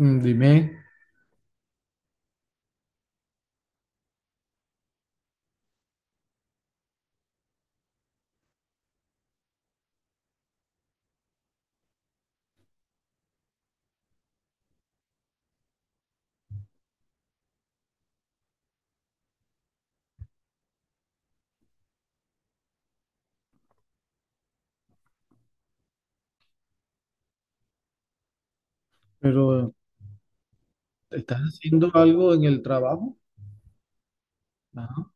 Mm, dime, pero ¿estás haciendo algo en el trabajo? Ajá.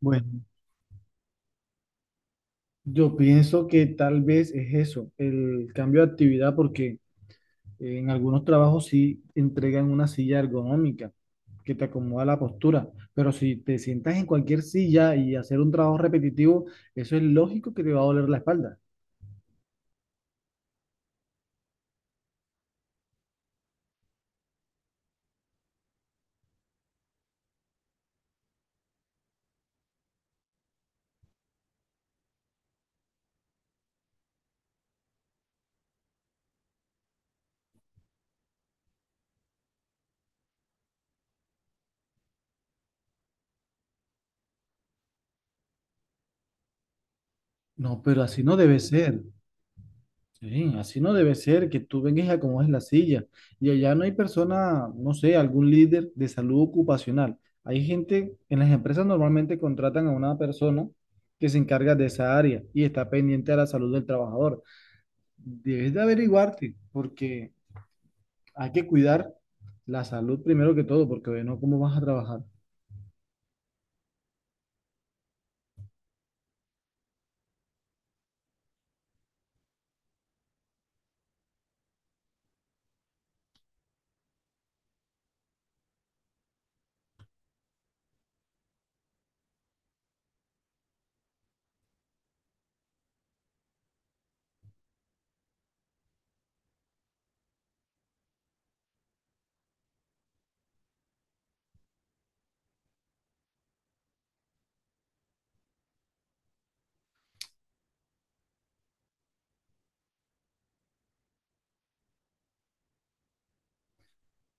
Bueno, yo pienso que tal vez es eso, el cambio de actividad, porque en algunos trabajos sí entregan una silla ergonómica que te acomoda la postura, pero si te sientas en cualquier silla y hacer un trabajo repetitivo, eso es lógico que te va a doler la espalda. No, pero así no debe ser. Sí, así no debe ser, que tú vengas y acomodes la silla. Y allá no hay persona, no sé, algún líder de salud ocupacional. Hay gente, en las empresas normalmente contratan a una persona que se encarga de esa área y está pendiente de la salud del trabajador. Debes de averiguarte, porque hay que cuidar la salud primero que todo, porque oye, no, ¿cómo vas a trabajar?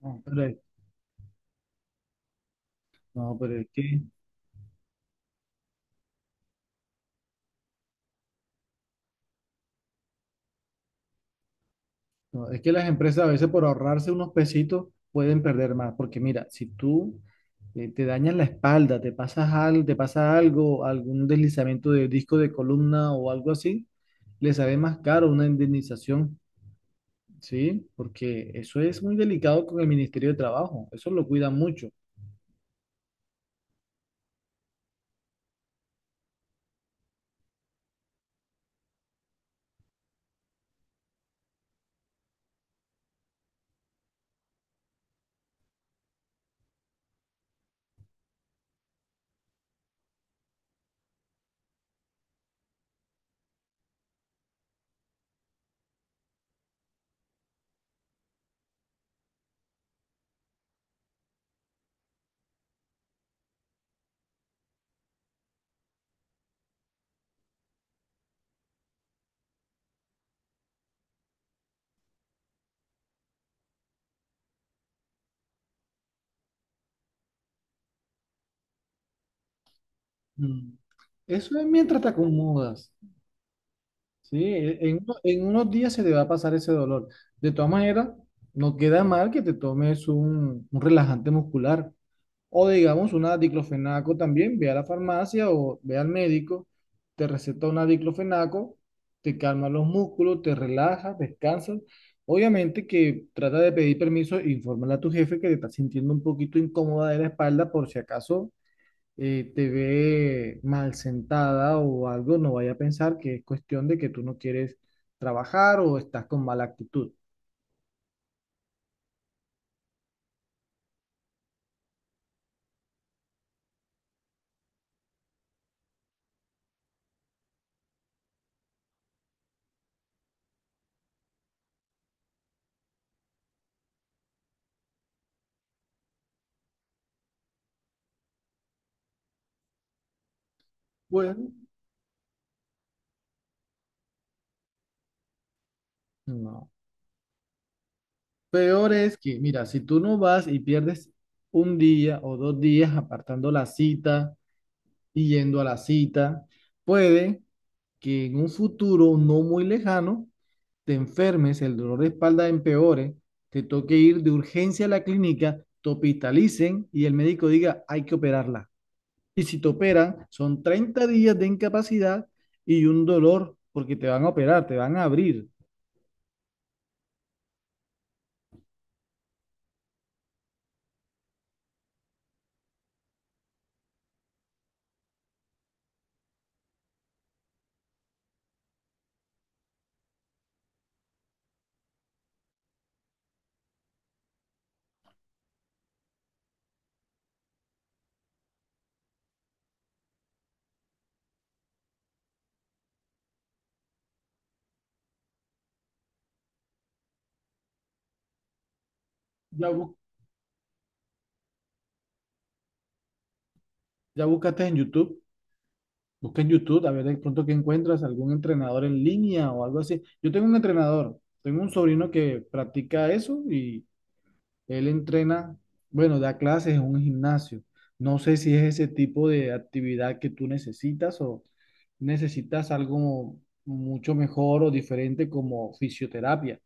No, pero, es- no, pero es que no, es que las empresas a veces por ahorrarse unos pesitos pueden perder más, porque mira, si tú te dañas la espalda, te pasas algo, te pasa algo, algún deslizamiento de disco de columna o algo así, le sale más caro una indemnización, ¿sí? Porque eso es muy delicado con el Ministerio de Trabajo, eso lo cuida mucho. Mm. Eso es mientras te acomodas, ¿sí? En unos días se te va a pasar ese dolor. De todas maneras, no queda mal que te tomes un relajante muscular. O digamos una diclofenaco también, ve a la farmacia o ve al médico, te receta una diclofenaco, te calma los músculos, te relajas, descansas. Obviamente que trata de pedir permiso, infórmale a tu jefe que te estás sintiendo un poquito incómoda de la espalda por si acaso te ve mal sentada o algo, no vaya a pensar que es cuestión de que tú no quieres trabajar o estás con mala actitud. Bueno, no. Peor es que, mira, si tú no vas y pierdes un día o dos días apartando la cita y yendo a la cita, puede que en un futuro no muy lejano te enfermes, el dolor de espalda empeore, te toque ir de urgencia a la clínica, te hospitalicen y el médico diga, hay que operarla. Y si te operan, son 30 días de incapacidad y un dolor porque te van a operar, te van a abrir. Ya, bu- ya buscaste en YouTube. Busca en YouTube, a ver de pronto que encuentras algún entrenador en línea o algo así. Yo tengo un entrenador, tengo un sobrino que practica eso y él entrena, bueno, da clases en un gimnasio. No sé si es ese tipo de actividad que tú necesitas o necesitas algo mucho mejor o diferente como fisioterapia.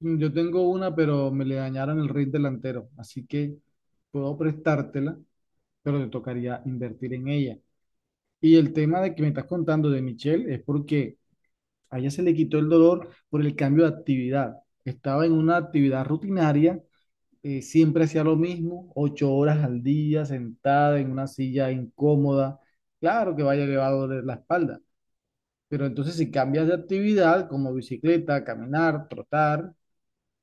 Mm, yo tengo una, pero me le dañaron el ring delantero, así que puedo prestártela, pero te tocaría invertir en ella. Y el tema de que me estás contando de Michelle es porque a ella se le quitó el dolor por el cambio de actividad. Estaba en una actividad rutinaria, siempre hacía lo mismo, 8 horas al día, sentada en una silla incómoda. Claro que vaya elevado de la espalda, pero entonces si cambias de actividad como bicicleta, caminar, trotar,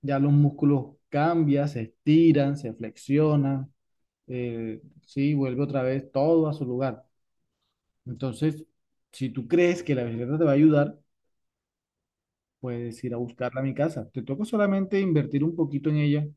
ya los músculos cambian, se estiran, se flexionan, sí, vuelve otra vez todo a su lugar. Entonces, si tú crees que la bicicleta te va a ayudar, puedes ir a buscarla a mi casa. Te toca solamente invertir un poquito en ella.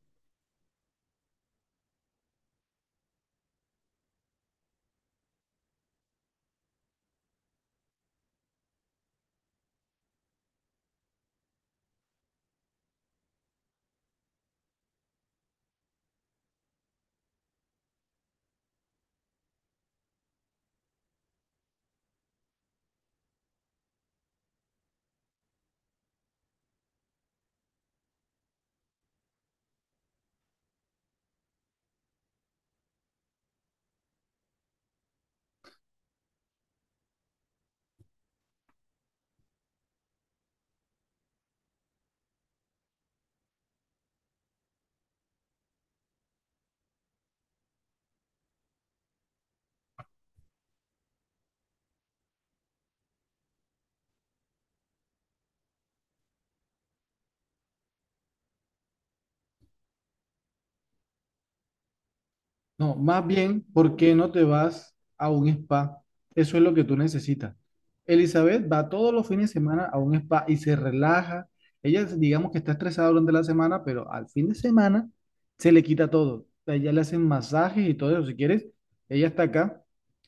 No, más bien, ¿por qué no te vas a un spa? Eso es lo que tú necesitas. Elizabeth va todos los fines de semana a un spa y se relaja. Ella, digamos que está estresada durante la semana, pero al fin de semana se le quita todo. A ella le hacen masajes y todo eso. Si quieres, ella está acá.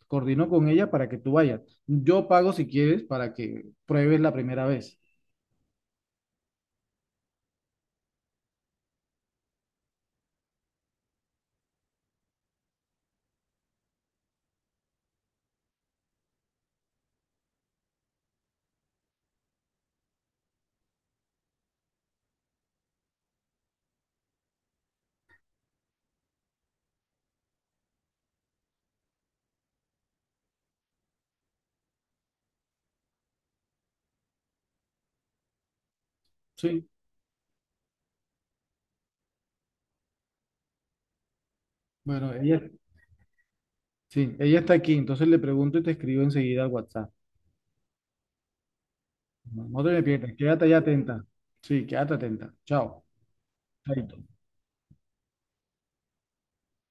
Coordino con ella para que tú vayas. Yo pago si quieres para que pruebes la primera vez. Sí, bueno, ella, sí, ella está aquí, entonces le pregunto y te escribo enseguida al WhatsApp. No, no te me pierdas, quédate ahí atenta. Sí, quédate atenta. Chao. Chaito.